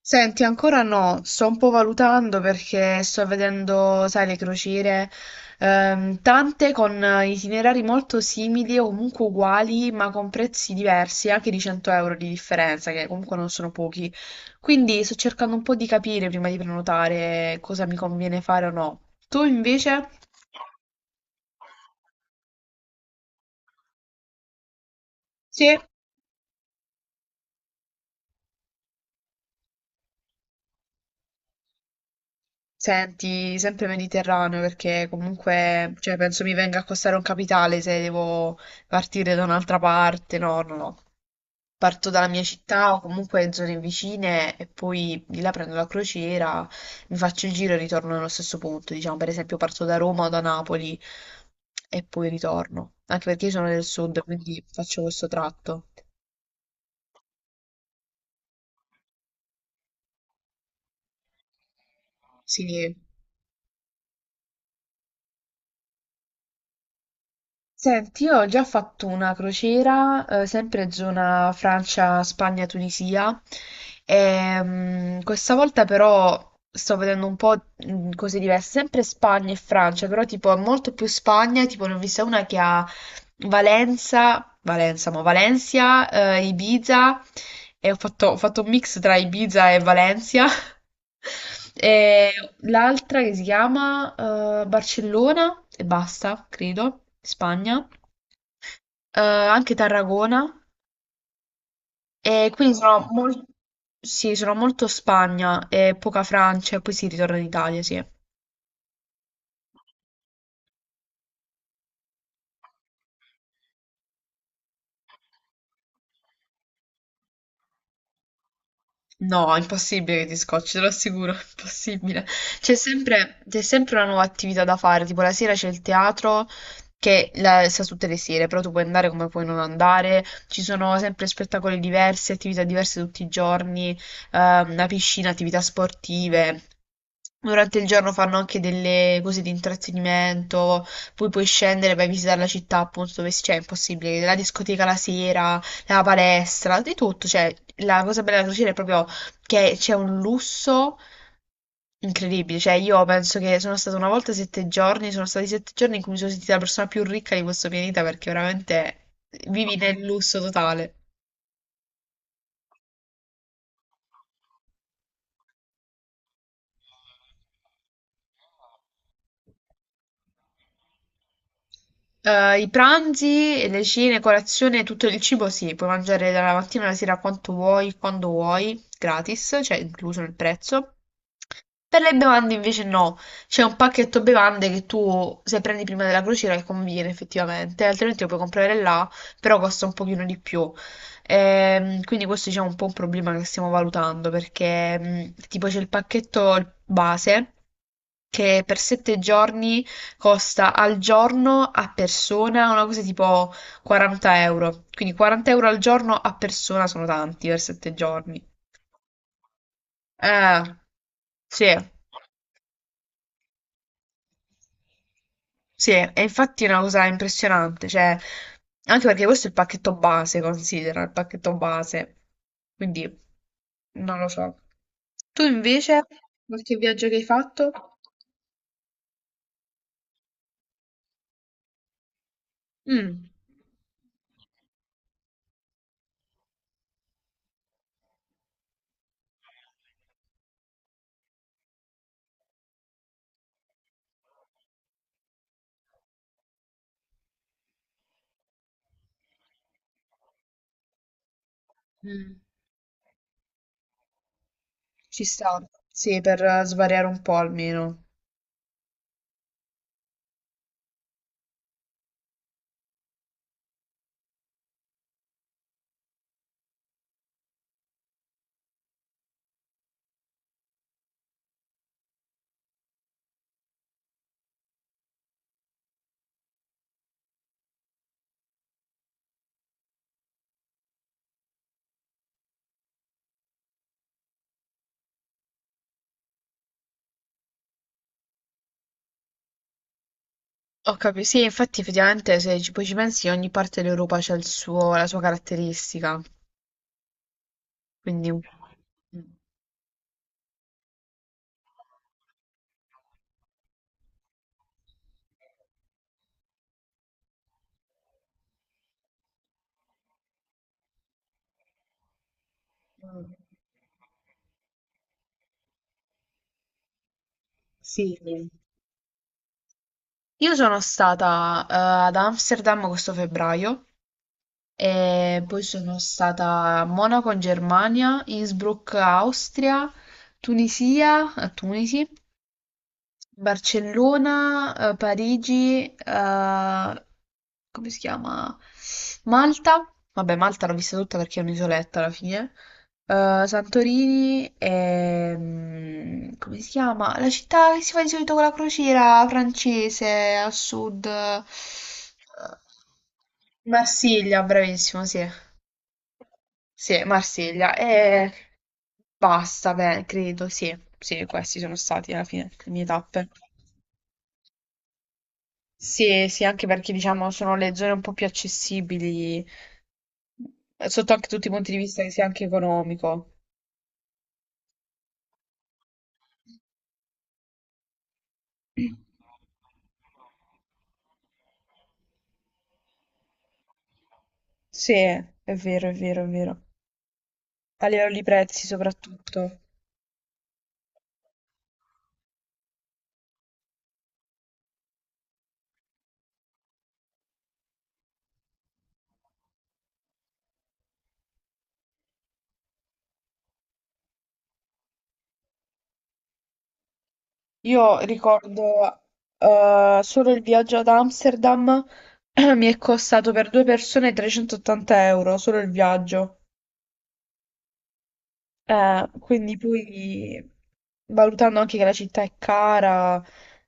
Senti, ancora no, sto un po' valutando perché sto vedendo, sai, le crociere, tante con itinerari molto simili o comunque uguali, ma con prezzi diversi, anche di 100 euro di differenza, che comunque non sono pochi. Quindi sto cercando un po' di capire prima di prenotare cosa mi conviene fare o no. Tu invece? Sì, senti, sempre Mediterraneo perché comunque, cioè, penso mi venga a costare un capitale se devo partire da un'altra parte. No, no, no. Parto dalla mia città o comunque in zone vicine e poi di là prendo la crociera, mi faccio il giro e ritorno nello stesso punto. Diciamo, per esempio, parto da Roma o da Napoli e poi ritorno. Anche perché io sono del sud, quindi faccio questo tratto. Sì. Senti, io ho già fatto una crociera, sempre zona Francia, Spagna, Tunisia, e, questa volta però sto vedendo un po' cose diverse, sempre Spagna e Francia, però tipo molto più Spagna, tipo ne ho vista una che a Valenza, ma Valencia, Ibiza e ho fatto un mix tra Ibiza e Valencia. E l'altra che si chiama Barcellona e basta, credo, Spagna, eh, anche Tarragona. E quindi sì, sono molto Spagna e poca Francia e poi si ritorna in Italia, sì. No, impossibile che ti scocci, te lo assicuro, impossibile. C'è sempre una nuova attività da fare, tipo la sera c'è il teatro che la, sta tutte le sere, però tu puoi andare come puoi non andare, ci sono sempre spettacoli diversi, attività diverse tutti i giorni, una piscina, attività sportive. Durante il giorno fanno anche delle cose di intrattenimento, poi puoi scendere e vai a visitare la città appunto dove c'è, è impossibile, la discoteca la sera, la palestra, di tutto, cioè la cosa bella della crociera è proprio che c'è un lusso incredibile, cioè io penso che sono stata una volta 7 giorni, sono stati 7 giorni in cui mi sono sentita la persona più ricca di questo pianeta perché veramente vivi nel lusso totale. I pranzi, le cene, colazione, tutto il cibo sì, puoi mangiare dalla mattina alla sera quanto vuoi, quando vuoi, gratis, cioè incluso nel prezzo. Per le bevande invece no, c'è un pacchetto bevande che tu se prendi prima della crociera che conviene effettivamente, altrimenti lo puoi comprare là, però costa un pochino di più. Quindi questo diciamo è un po' un problema che stiamo valutando perché tipo c'è il pacchetto base che per 7 giorni costa al giorno a persona una cosa tipo 40 euro. Quindi 40 euro al giorno a persona sono tanti per 7 giorni. Eh, sì, sì, e infatti è una cosa impressionante, cioè, anche perché questo è il pacchetto base, considera, il pacchetto base. Quindi, non lo so. Tu invece, qualche viaggio che hai fatto? Mm. Mm. Ci sta, sì, per svariare un po' almeno. Sì, infatti effettivamente se ci poi ci pensi ogni parte dell'Europa c'ha la sua caratteristica, quindi... Mm. Mm. Sì. Io sono stata ad Amsterdam questo febbraio e poi sono stata a Monaco in Germania, Innsbruck Austria, Tunisia, a Tunisi Barcellona, Parigi, come si chiama? Malta. Vabbè, Malta l'ho vista tutta perché è un'isoletta alla fine. Santorini e... come si chiama? La città che si fa di solito con la crociera francese a sud. Eh, Marsiglia, bravissimo, sì. Sì, Marsiglia. E basta, beh, credo, sì. Sì, questi sono stati alla fine le mie tappe. Sì, sì, anche perché diciamo sono le zone un po' più accessibili, sotto anche tutti i punti di vista che sia anche economico. Sì, è vero, è vero, è vero. A livello di prezzi soprattutto. Io ricordo solo il viaggio ad Amsterdam mi è costato per due persone 380 euro, solo il viaggio. Quindi poi, valutando anche che la città è cara,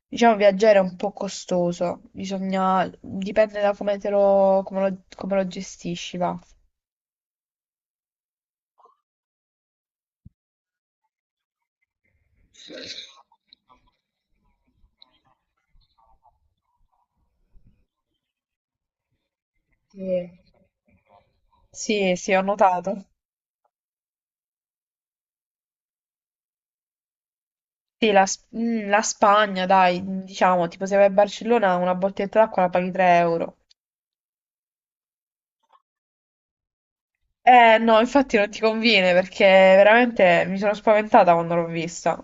diciamo viaggiare è un po' costoso, bisogna, dipende da come te lo, come lo gestisci, va. Sì, sì, sì, ho notato. Mm, la Spagna, dai, diciamo, tipo se vai a Barcellona una bottiglietta d'acqua la paghi 3 euro. Eh no, infatti non ti conviene perché veramente mi sono spaventata quando l'ho vista.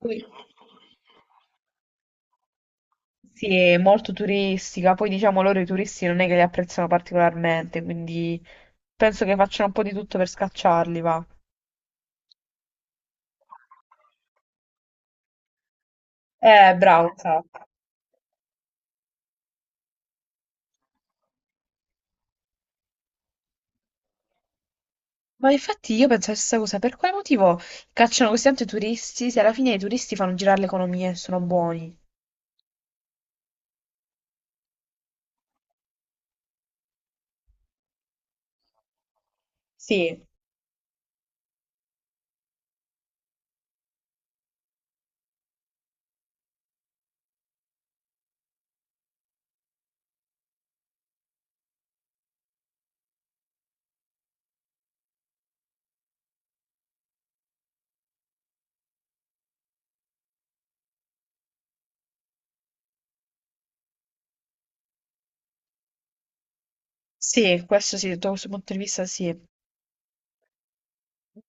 Poi- Sì, è molto turistica, poi diciamo loro i turisti non è che li apprezzano particolarmente, quindi penso che facciano un po' di tutto per scacciarli, va. Bravo, esatto. Ma infatti io penso la stessa cosa, per quale motivo cacciano così tanto i turisti se alla fine i turisti fanno girare l'economia e sono buoni? Sì, sì, questo sì, da questo punto di vista sì.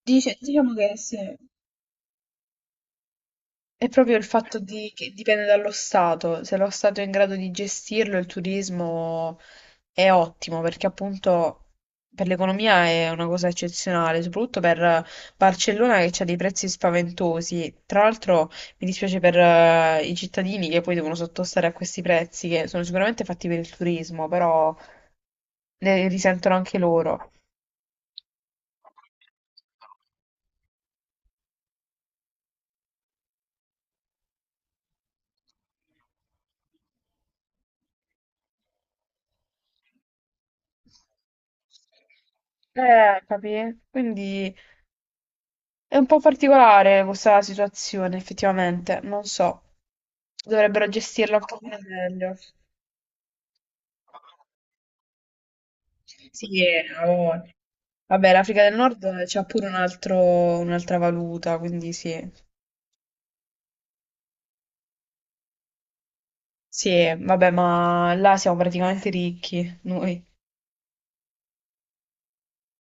Diciamo che sì. È proprio il fatto di, che dipende dallo Stato, se lo Stato è in grado di gestirlo, il turismo è ottimo perché appunto per l'economia è una cosa eccezionale, soprattutto per Barcellona che ha dei prezzi spaventosi. Tra l'altro mi dispiace per i cittadini che poi devono sottostare a questi prezzi che sono sicuramente fatti per il turismo, però ne risentono anche loro. Capì? Quindi è un po' particolare questa situazione, effettivamente, non so. Dovrebbero gestirla un pochino meglio. Sì, ha voglia. Vabbè, l'Africa del Nord c'ha pure un'altra valuta, quindi sì. Sì, vabbè, ma là siamo praticamente ricchi, noi.